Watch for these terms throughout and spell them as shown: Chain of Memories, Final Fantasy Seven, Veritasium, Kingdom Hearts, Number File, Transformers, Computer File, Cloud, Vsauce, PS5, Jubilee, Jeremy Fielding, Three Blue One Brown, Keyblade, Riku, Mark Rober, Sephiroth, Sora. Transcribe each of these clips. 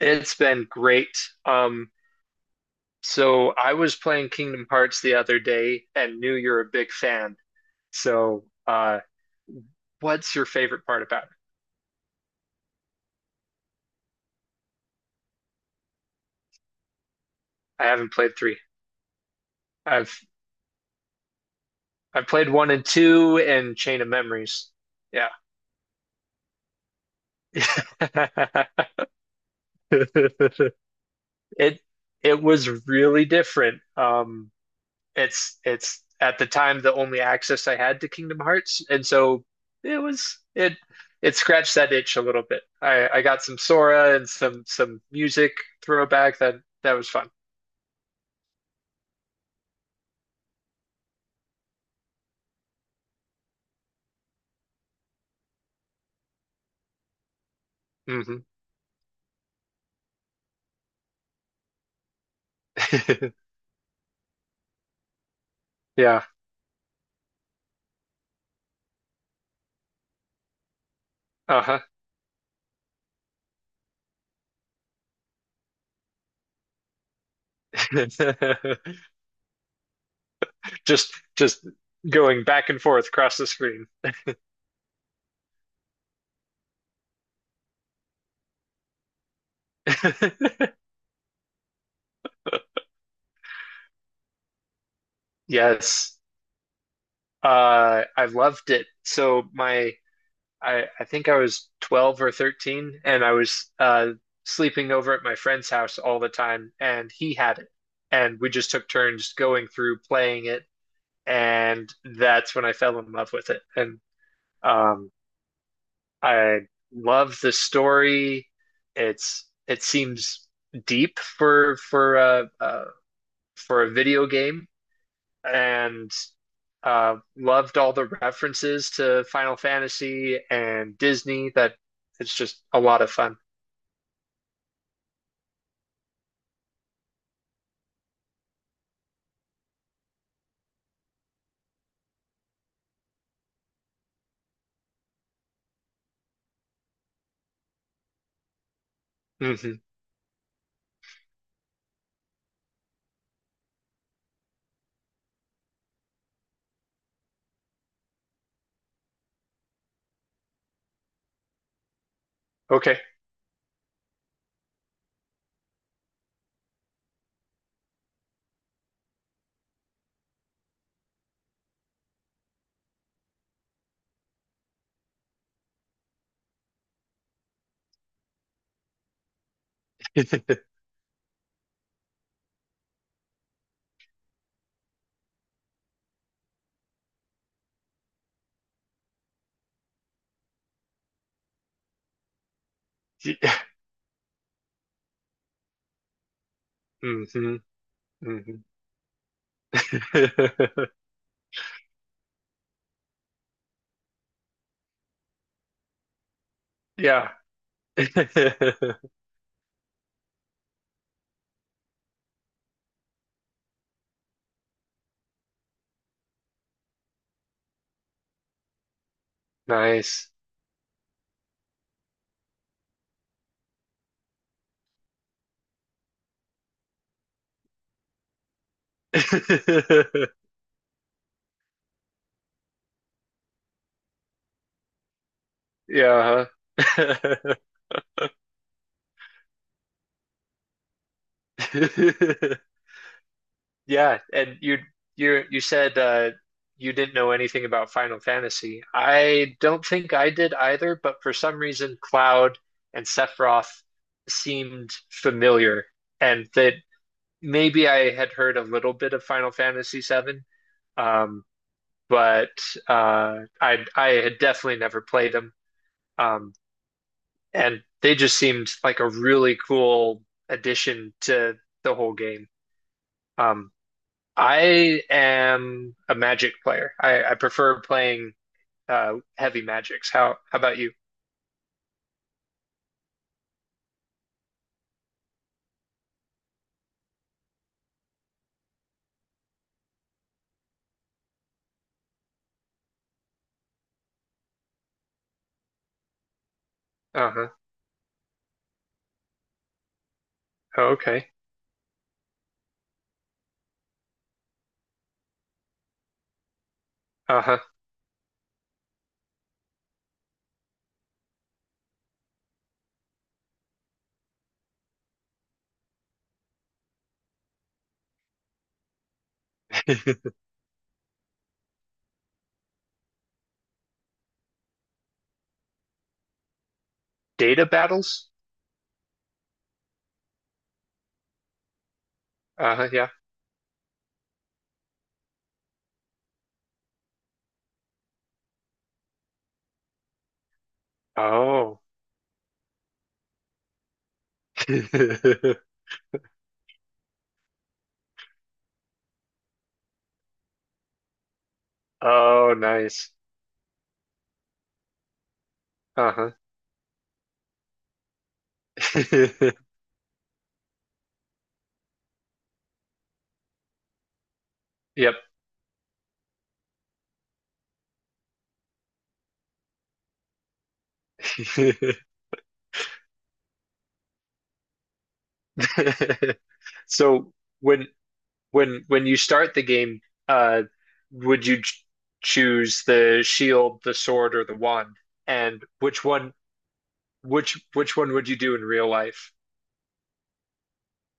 It's been great. Um, so I was playing Kingdom Hearts the other day and knew you're a big fan. So, uh, what's your favorite part about it? I haven't played three. I've I've played one and two and Chain of Memories. Yeah. It it was really different. It's at the time the only access I had to Kingdom Hearts, and so it was it it scratched that itch a little bit. I got some Sora and some music throwback that was fun. Hmm Yeah. Uh-huh. Just going back and forth across the screen. Yes. I loved it. So my, I think I was 12 or 13 and I was sleeping over at my friend's house all the time and he had it. And we just took turns going through playing it, and that's when I fell in love with it. And um I love the story. It seems deep for for a video game, and loved all the references to Final Fantasy and Disney. That it's just a lot of fun. Hmm Okay. Yeah. hmm hmm Yeah. Nice. Yeah. huh? Yeah, and you said you didn't know anything about Final Fantasy. I don't think I did either, but for some reason Cloud and Sephiroth seemed familiar, and that maybe I had heard a little bit of Final Fantasy Seven. Um but I had definitely never played them, um, and they just seemed like a really cool addition to the whole game. Um, I am a Magic player. I prefer playing heavy magics. How about you? Uh-huh. Oh, okay. Uh-huh. Data battles? Uh-huh, yeah. Oh. Oh, nice. Uh-huh. Yep. So when when you start the game, uh, would you ch choose the shield, the sword, or the wand? And which one would you do in real life?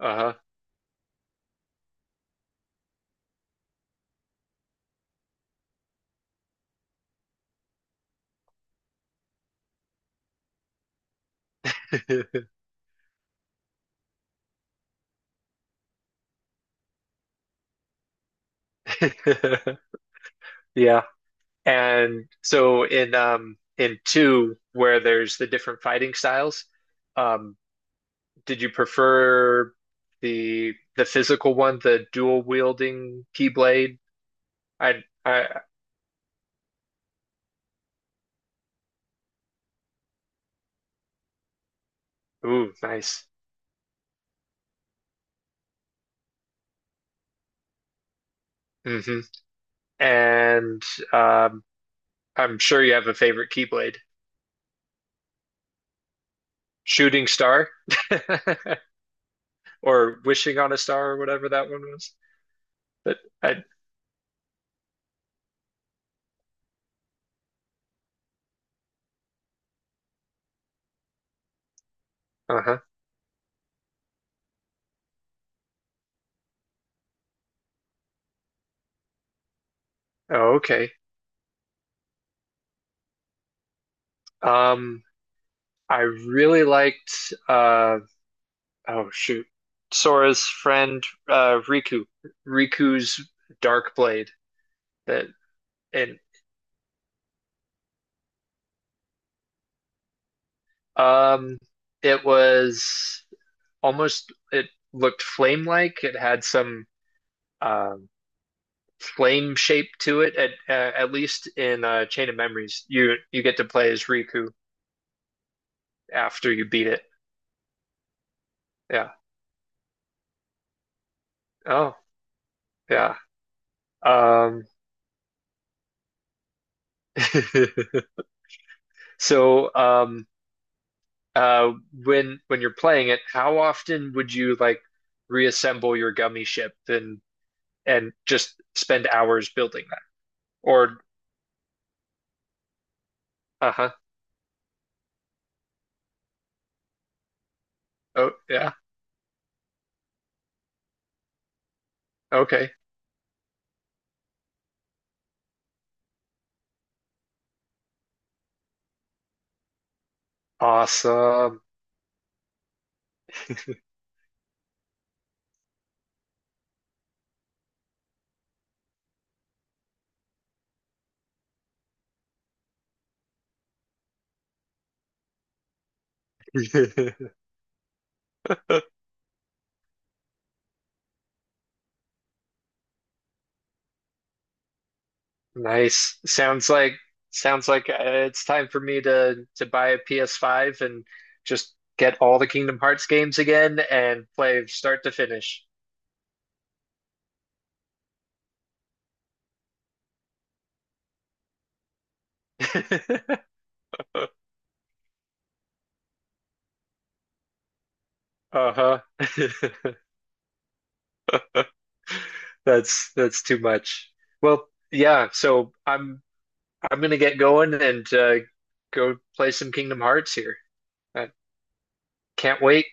Uh-huh. Yeah. And so in two, where there's the different fighting styles, um, did you prefer the physical one, the dual wielding keyblade? I ooh, nice. Hmm And um I'm sure you have a favorite Keyblade. Shooting Star or Wishing on a Star or whatever that one was. But I, uh-huh. Oh, okay. Um, I really liked uh oh shoot. Sora's friend Riku. Riku's Dark Blade, that and um it was almost, it looked flame like. It had some um flame shape to it at least in Chain of Memories. You get to play as Riku after you beat it. Yeah. Oh, yeah. Um so uh when you're playing it, how often would you like reassemble your gummy ship and just spend hours building that? Or uh-huh. Oh, yeah. Okay. Awesome. uh, Nice. Sounds like it's time for me to buy a PS5 and just get all the Kingdom Hearts games again and play start to finish. Uh-huh. That's too much. Well, yeah, so I'm gonna get going and go play some Kingdom Hearts here. I can't wait.